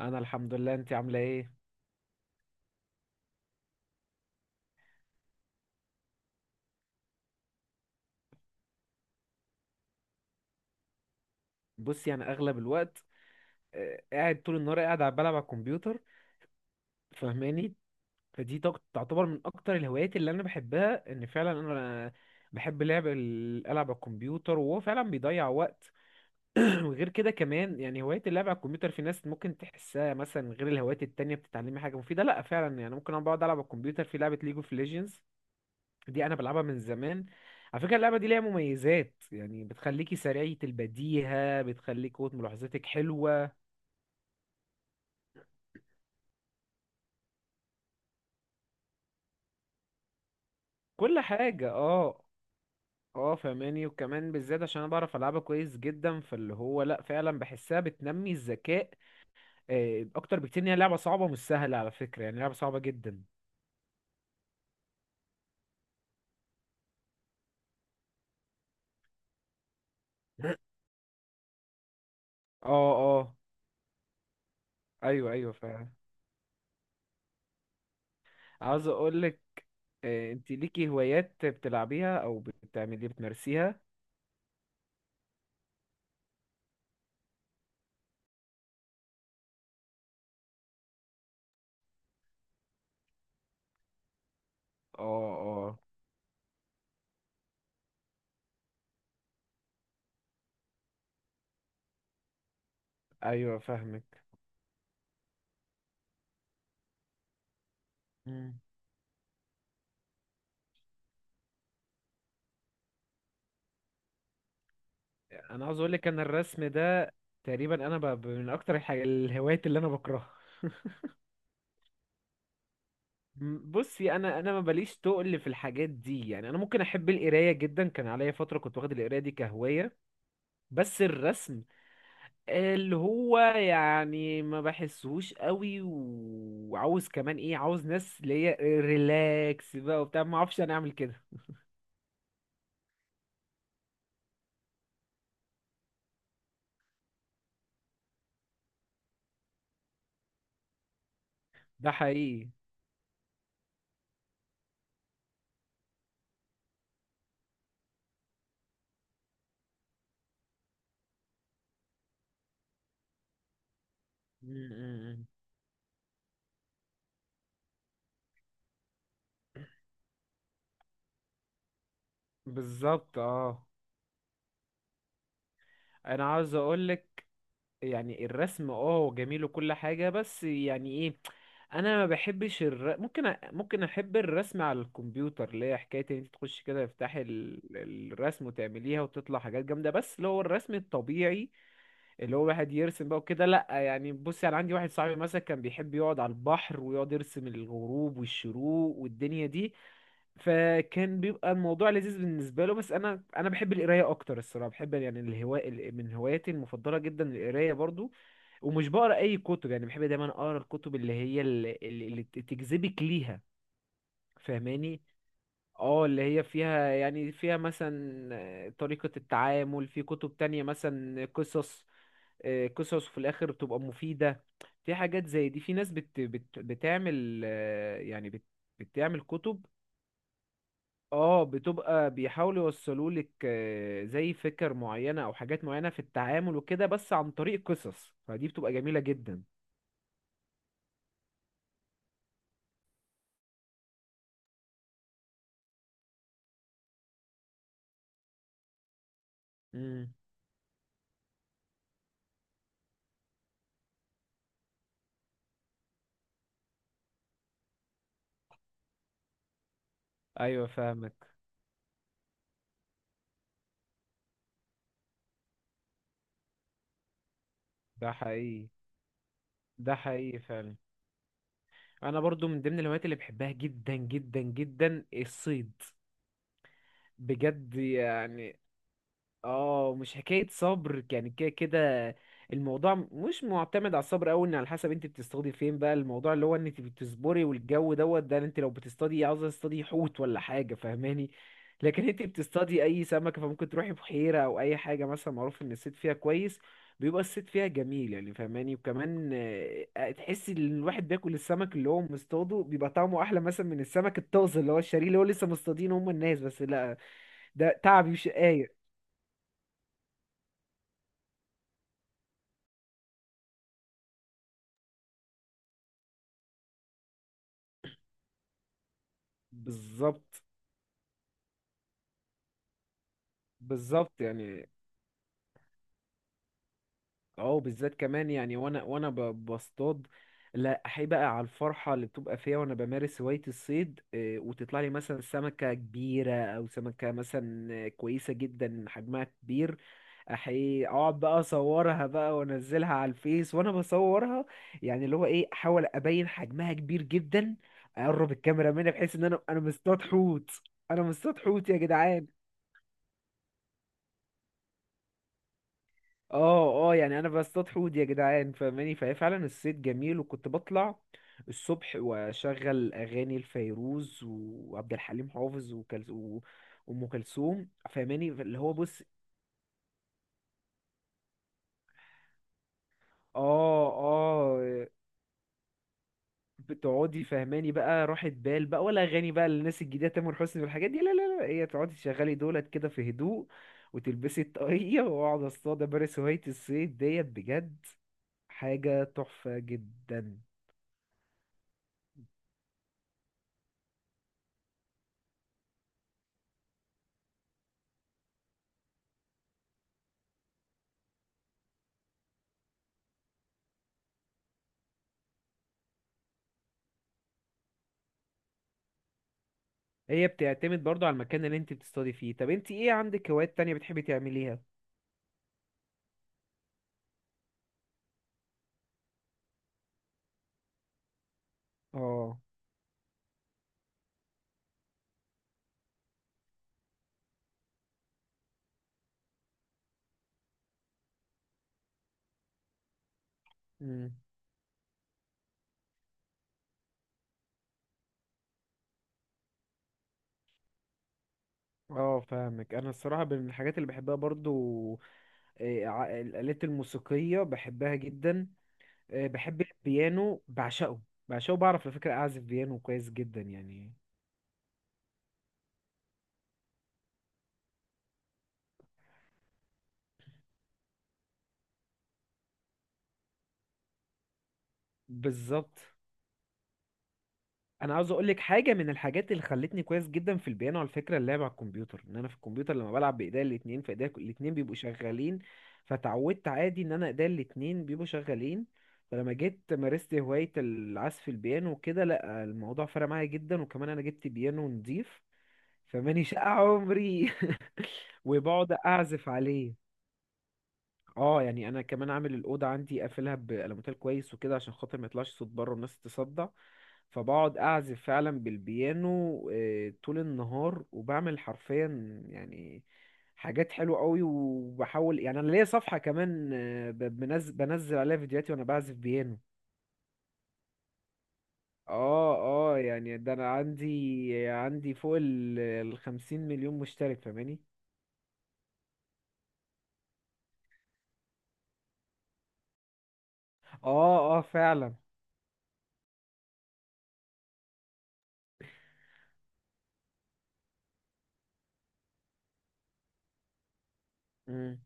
انا الحمد لله، انت عامله ايه؟ بصي يعني اغلب الوقت قاعد طول النهار، قاعد على بلعب على الكمبيوتر. فاهماني؟ تعتبر من اكتر الهوايات اللي انا بحبها، ان فعلا انا بحب لعب العب على الكمبيوتر، وهو فعلا بيضيع وقت. وغير كده كمان يعني هوايه اللعب على الكمبيوتر في ناس ممكن تحسها مثلا غير الهوايات التانية بتتعلمي حاجه مفيده، لا فعلا يعني ممكن انا بقعد العب على الكمبيوتر في لعبه ليج اوف ليجندز. دي انا بلعبها من زمان. على فكره اللعبه دي ليها مميزات، يعني بتخليكي سريعه البديهه، بتخليك قوه ملاحظتك حلوه، كل حاجه. اه اه فهماني. وكمان بالذات عشان انا بعرف العبها كويس جدا، فاللي هو لا فعلا بحسها بتنمي الذكاء اكتر بكتير. ان هي لعبه صعبه مش سهله على فكره، يعني لعبه صعبه جدا. اه. اه. ايوه ايوه فعلا. عاوز اقول لك، انت ليكي هوايات بتلعبيها او بتعملي بتمارسيها؟ اه. اه. ايوه فاهمك. انا عاوز اقول لك ان الرسم ده تقريبا انا من اكتر الهوايات اللي انا بكرهها. بصي انا ما بليش تقل في الحاجات دي، يعني انا ممكن احب القرايه جدا، كان عليا فتره كنت واخد القرايه دي كهوايه. بس الرسم اللي هو يعني ما بحسهوش قوي، وعاوز كمان ايه، عاوز ناس اللي هي ريلاكس بقى وبتاع، ما اعرفش انا اعمل كده. ده حقيقي. م. بالظبط اه. انا عاوز اقول لك، يعني الرسم اه هو جميل وكل حاجة، بس يعني ايه، انا ما بحبش ممكن ممكن احب الرسم على الكمبيوتر، اللي هي حكاية ان انت تخش كده تفتحي الرسم وتعمليها وتطلع حاجات جامدة. بس اللي هو الرسم الطبيعي اللي هو واحد يرسم بقى وكده لا. يعني بصي انا عندي واحد صاحبي مثلا كان بيحب يقعد على البحر ويقعد يرسم الغروب والشروق والدنيا دي، فكان بيبقى الموضوع لذيذ بالنسبة له. بس انا بحب القراية اكتر الصراحة. بحب يعني الهواء من هواياتي المفضلة جدا القراية برضو. ومش بقرا اي كتب، يعني بحب دايما اقرا الكتب اللي تجذبك ليها. فاهماني؟ اه، اللي هي فيها يعني فيها مثلا طريقة التعامل، في كتب تانية مثلا قصص، قصص في الاخر بتبقى مفيدة. في حاجات زي دي، في ناس بت بت بتعمل آه، يعني بت بتعمل كتب. اه بتبقى بيحاولوا يوصلوا لك زي فكر معينة او حاجات معينة في التعامل وكده، بس عن طريق قصص، فدي بتبقى جميلة جدا. ايوه فاهمك. ده حقيقي. ده حقيقي فعلا. انا برضو من ضمن الهوايات اللي بحبها جدا جدا جدا الصيد. بجد يعني. اه مش حكاية صبر يعني، كده كده الموضوع مش معتمد على الصبر أوي، ان على حسب انت بتصطادي فين بقى. الموضوع اللي هو ان انت بتصبري والجو دوت، ده انت لو بتصطادي عاوزة تصطادي حوت ولا حاجة، فاهماني؟ لكن انت بتصطادي اي سمكة، فممكن تروحي بحيرة او اي حاجة مثلا معروف ان الصيد فيها كويس، بيبقى الصيد فيها جميل. يعني فاهماني؟ وكمان تحسي ان الواحد بياكل السمك اللي هو مصطاده بيبقى طعمه احلى مثلا من السمك الطازه اللي هو الشاريه، اللي هو لسه مصطادينه هم الناس، بس لا ده تعب وشقاية. بالظبط. بالظبط يعني. اه بالذات كمان يعني، بصطاد لا احب بقى على الفرحه اللي بتبقى فيها وانا بمارس هوايه الصيد، وتطلع لي مثلا سمكه كبيره او سمكه مثلا كويسه جدا حجمها كبير. احي اقعد بقى اصورها بقى وانزلها على الفيس وانا بصورها، يعني اللي هو ايه احاول ابين حجمها كبير جدا. اقرب الكاميرا مني بحيث ان انا مصطاد حوت، انا مصطاد حوت يا جدعان. اه اه يعني انا بصطاد حوت يا جدعان، فاهماني؟ فهي فعلا الصيد جميل. وكنت بطلع الصبح واشغل اغاني الفيروز وعبد الحليم حافظ وام كلثوم، فاهماني؟ اللي هو بص، اه. اه. بتقعدي فاهماني بقى راحة بال بقى، ولا اغاني بقى للناس الجديده تامر حسني والحاجات دي لا لا لا. هي تقعدي تشغلي دولت كده في هدوء وتلبسي الطاقية واقعد اصطاد، امارس هواية الصيد ديت. بجد حاجة تحفة جدا. هي بتعتمد برضو على المكان اللي انت بتستضي فيه. طب انت ايه عندك هوايات تانية بتحبي تعمليها؟ اه. امم اه فاهمك. انا الصراحة من الحاجات اللي بحبها برضو الآلات الموسيقية بحبها جدا. بحب البيانو، بعشقه بعشقه. بعرف على فكرة اعزف بيانو كويس جدا يعني. بالظبط. انا عاوز اقول لك حاجه من الحاجات اللي خلتني كويس جدا في البيانو، على فكره، اللعب على الكمبيوتر. ان انا في الكمبيوتر لما بلعب بايديا الاتنين، فايديا الاتنين بيبقوا شغالين، فتعودت عادي ان انا ايديا الاتنين بيبقوا شغالين. فلما جيت مارست هوايه العزف البيانو وكده، لا الموضوع فرق معايا جدا. وكمان انا جبت بيانو نضيف، فماني شقى عمري. وبقعد اعزف عليه. اه يعني انا كمان عامل الاوضه عندي قافلها بالموتيل كويس وكده عشان خاطر ما يطلعش صوت بره والناس تتصدع. فبقعد اعزف فعلا بالبيانو طول النهار. وبعمل حرفيا يعني حاجات حلوه قوي. وبحاول يعني انا ليا صفحه كمان، بنزل عليها فيديوهاتي وانا بعزف بيانو. اه. اه يعني ده انا عندي فوق 50 مليون مشترك، فاهماني؟ اه. اه فعلا. مم.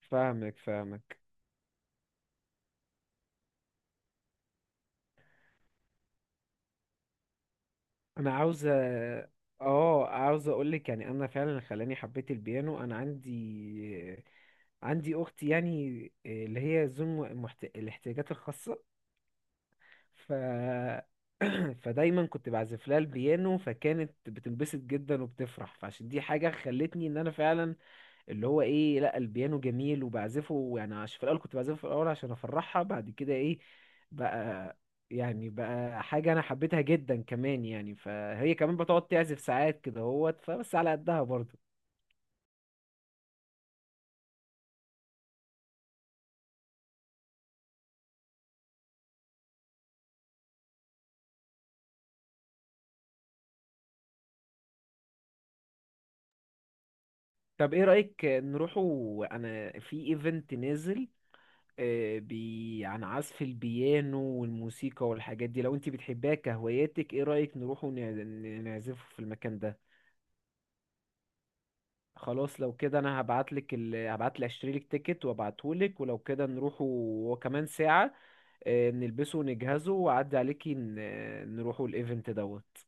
فاهمك فاهمك. انا عاوز اه عاوز اقول لك يعني انا فعلا خلاني حبيت البيانو، انا عندي اختي يعني اللي هي الاحتياجات الخاصة. ف، فدايما كنت بعزف لها البيانو، فكانت بتنبسط جدا وبتفرح. فعشان دي حاجة خلتني ان انا فعلا اللي هو ايه، لا البيانو جميل وبعزفه. يعني عشان في الاول كنت بعزفه في الاول عشان افرحها، بعد كده ايه بقى يعني بقى حاجة انا حبيتها جدا كمان. يعني فهي كمان بتقعد تعزف ساعات كده هوت، فبس على قدها برضه. طب ايه رأيك نروحوا، انا في ايفنت نازل بي عن عزف البيانو والموسيقى والحاجات دي، لو انت بتحبها كهواياتك ايه رأيك نروحوا نعزفه في المكان ده؟ خلاص لو كده انا هبعت لي اشتري لك تيكت وابعته لك، ولو كده نروحوا. وكمان ساعة نلبسه ونجهزه واعدي عليكي نروحوا الايفنت دوت.